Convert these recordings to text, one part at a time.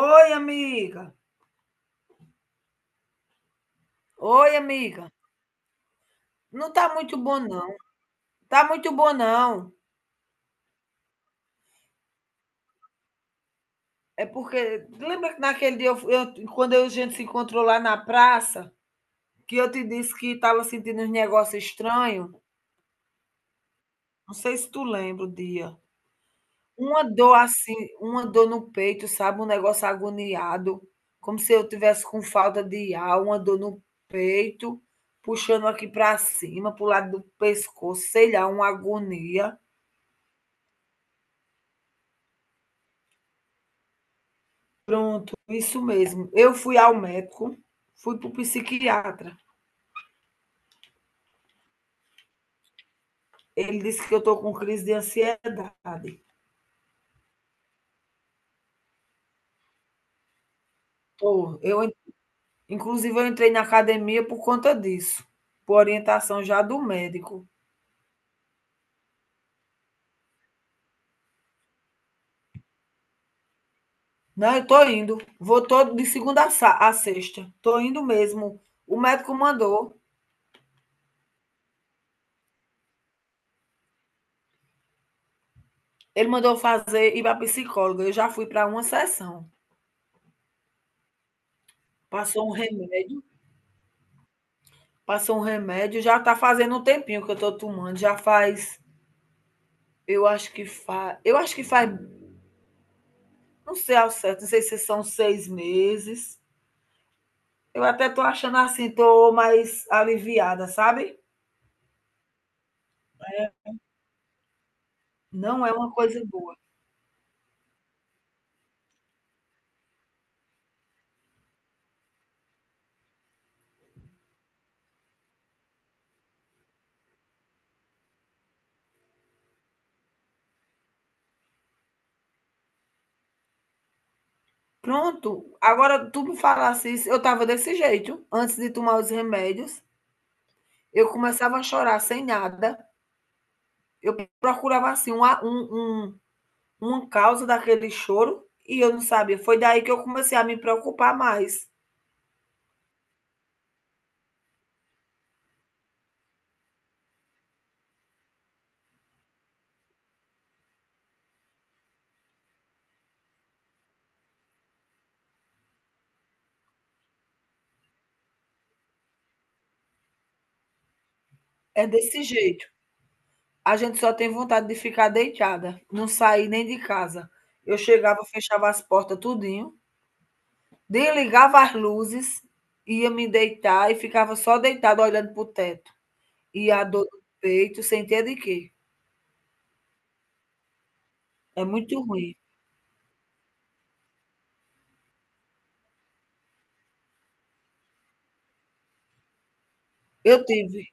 Oi, amiga. Oi, amiga. Não tá muito bom, não. Tá muito bom, não. É porque. Lembra que naquele dia, quando a gente se encontrou lá na praça, que eu te disse que estava sentindo uns negócios estranhos? Não sei se tu lembra o dia. Uma dor assim, uma dor no peito, sabe? Um negócio agoniado. Como se eu tivesse com falta de ar, uma dor no peito, puxando aqui para cima, pro lado do pescoço, sei lá, uma agonia. Pronto, isso mesmo. Eu fui ao médico, fui para o psiquiatra. Ele disse que eu estou com crise de ansiedade. Tô. Inclusive, eu entrei na academia por conta disso, por orientação já do médico. Não, eu estou indo. Vou todo de segunda a sexta. Estou indo mesmo. O médico mandou. Ele mandou fazer ir para psicóloga. Eu já fui para uma sessão. Passou um remédio, passou um remédio, já está fazendo um tempinho que eu estou tomando, já faz. Eu acho que faz. Eu acho que faz. Não sei ao certo, não sei se são 6 meses. Eu até estou achando assim, estou mais aliviada, sabe? Não é uma coisa boa. Pronto, agora tu me falasse isso, eu estava desse jeito, antes de tomar os remédios, eu começava a chorar sem nada, eu procurava assim uma causa daquele choro e eu não sabia. Foi daí que eu comecei a me preocupar mais. É desse jeito. A gente só tem vontade de ficar deitada, não sair nem de casa. Eu chegava, fechava as portas tudinho, desligava as luzes, ia me deitar e ficava só deitada olhando para o teto. E a dor no peito, sem ter de quê. É muito ruim. Eu tive.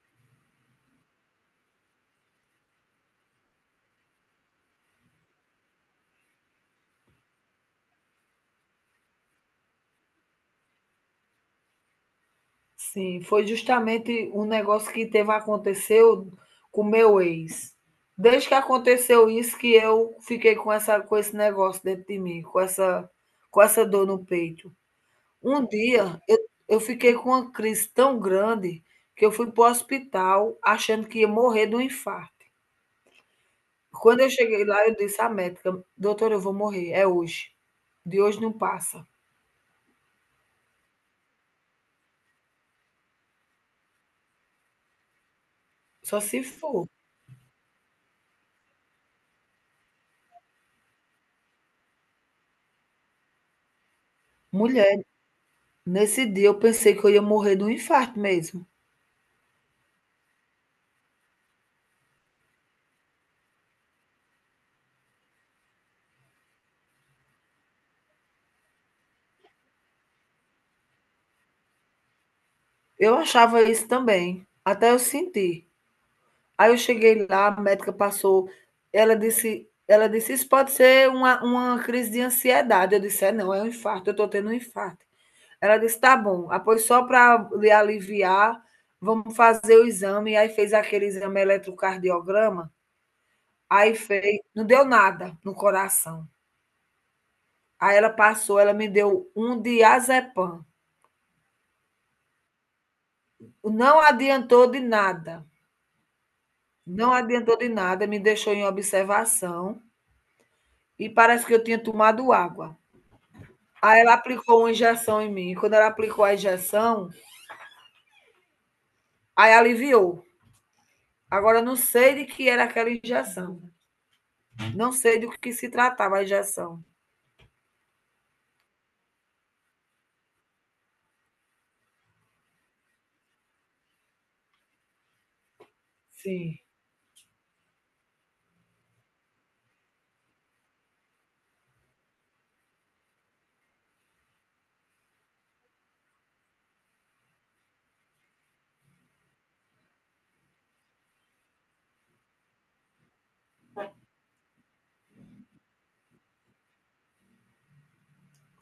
Sim, foi justamente um negócio que teve aconteceu com meu ex. Desde que aconteceu isso que eu fiquei com essa com esse negócio dentro de mim, com essa dor no peito. Um dia eu fiquei com uma crise tão grande que eu fui para o hospital achando que ia morrer de um infarto. Quando eu cheguei lá, eu disse à médica: "Doutora, eu vou morrer, é hoje. De hoje não passa, só se for". Mulher, nesse dia eu pensei que eu ia morrer de um infarto mesmo. Eu achava isso também, até eu senti. Aí eu cheguei lá, a médica passou, ela disse: "Isso pode ser uma crise de ansiedade". Eu disse: "É não, é um infarto, eu estou tendo um infarto". Ela disse: tá bom, após só para lhe aliviar, vamos fazer o exame. Aí fez aquele exame eletrocardiograma, aí fez, não deu nada no coração. Aí ela passou, ela me deu um diazepam. Não adiantou de nada, não adiantou de nada, me deixou em observação e parece que eu tinha tomado água. Aí ela aplicou uma injeção em mim. Quando ela aplicou a injeção, aí aliviou. Agora eu não sei de que era aquela injeção. Não sei do que se tratava a injeção. Sim.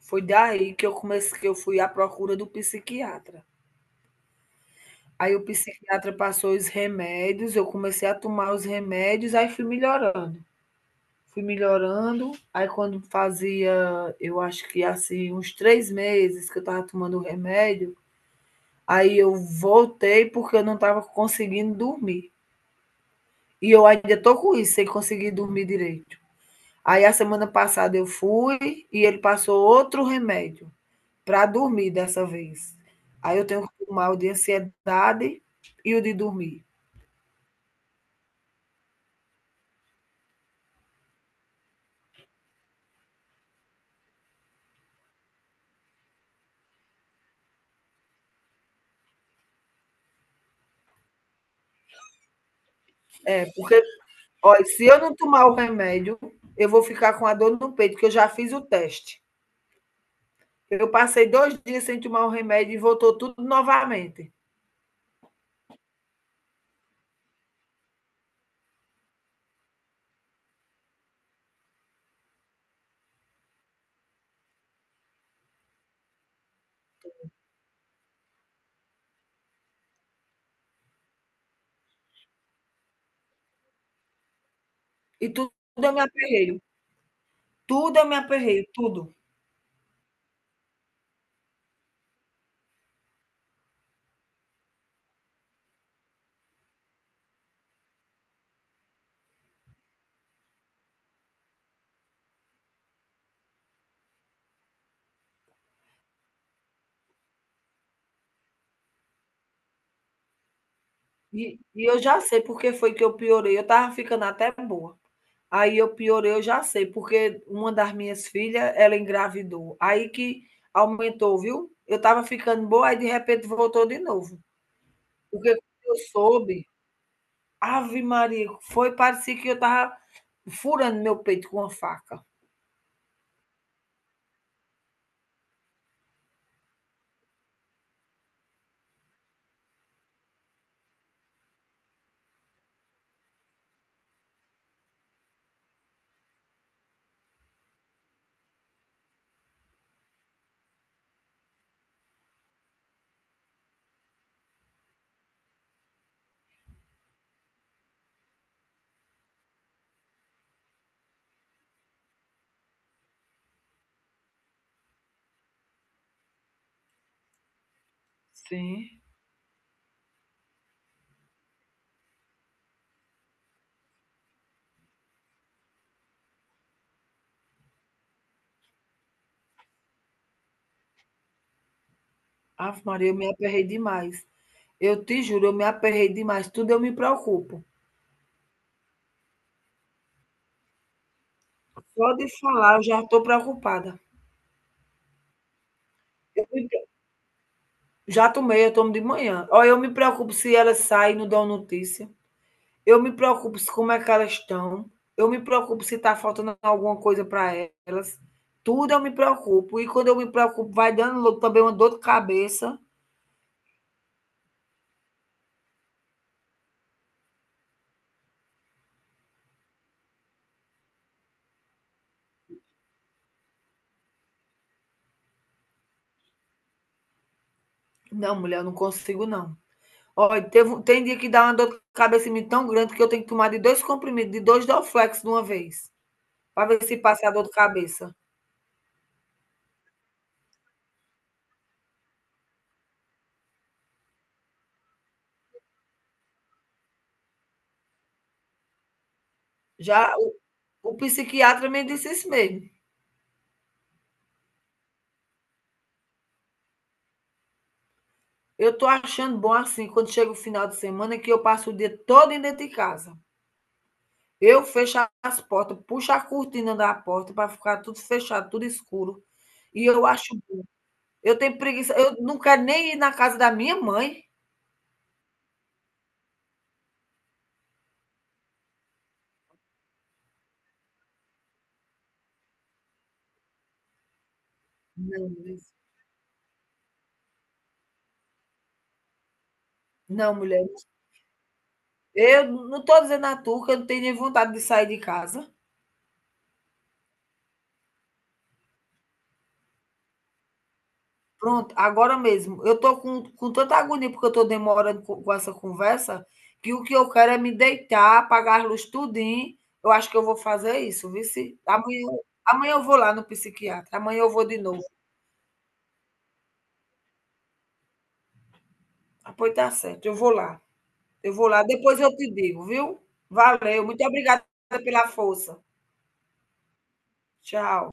Foi daí que eu comecei que eu fui à procura do psiquiatra. Aí o psiquiatra passou os remédios, eu comecei a tomar os remédios, aí fui melhorando. Fui melhorando, aí quando fazia, eu acho que assim, uns 3 meses que eu estava tomando o remédio, aí eu voltei porque eu não estava conseguindo dormir. E eu ainda estou com isso, sem conseguir dormir direito. Aí a semana passada eu fui e ele passou outro remédio para dormir dessa vez. Aí eu tenho que tomar o de ansiedade e o de dormir. É, porque, olha, se eu não tomar o remédio, eu vou ficar com a dor no peito, que eu já fiz o teste. Eu passei 2 dias sem tomar o remédio e voltou tudo novamente. E tudo eu me aperreio. Tudo eu me aperreio, tudo. E eu já sei porque foi que eu piorei, eu estava ficando até boa. Aí eu piorei, eu já sei, porque uma das minhas filhas, ela engravidou, aí que aumentou, viu. Eu estava ficando boa, aí de repente voltou de novo, porque quando eu soube, ave Maria, foi, parecia que eu estava furando meu peito com uma faca. Sim. Ave Maria, eu me aperrei demais. Eu te juro, eu me aperrei demais, tudo eu me preocupo. Só de falar eu já estou preocupada. Eu me Já tomei, eu tomo de manhã. Olha, eu me preocupo se elas saem e não dão notícia. Eu me preocupo se como é que elas estão. Eu me preocupo se está faltando alguma coisa para elas. Tudo eu me preocupo. E quando eu me preocupo, vai dando também uma dor de cabeça. Não, mulher, eu não consigo, não. Olha, tem dia que dá uma dor de cabeça em mim tão grande que eu tenho que tomar de 2 comprimidos, de 2 Dorflex de uma vez, para ver se passa a dor de cabeça. Já o psiquiatra me disse isso mesmo. Eu estou achando bom assim, quando chega o final de semana, que eu passo o dia todo dentro de casa. Eu fecho as portas, puxo a cortina da porta para ficar tudo fechado, tudo escuro. E eu acho. Eu tenho preguiça, eu não quero nem ir na casa da minha mãe. Não, mulher. Não, mulher. Eu não estou dizendo a tu que eu não tenho nem vontade de sair de casa. Pronto, agora mesmo. Eu estou com tanta agonia porque eu estou demorando com essa conversa, que o que eu quero é me deitar, apagar as luzes tudinho. Eu acho que eu vou fazer isso, viu? Se, amanhã, Amanhã eu vou lá no psiquiatra, amanhã eu vou de novo. Ah, pois tá certo, eu vou lá. Eu vou lá, depois eu te digo, viu? Valeu, muito obrigada pela força. Tchau.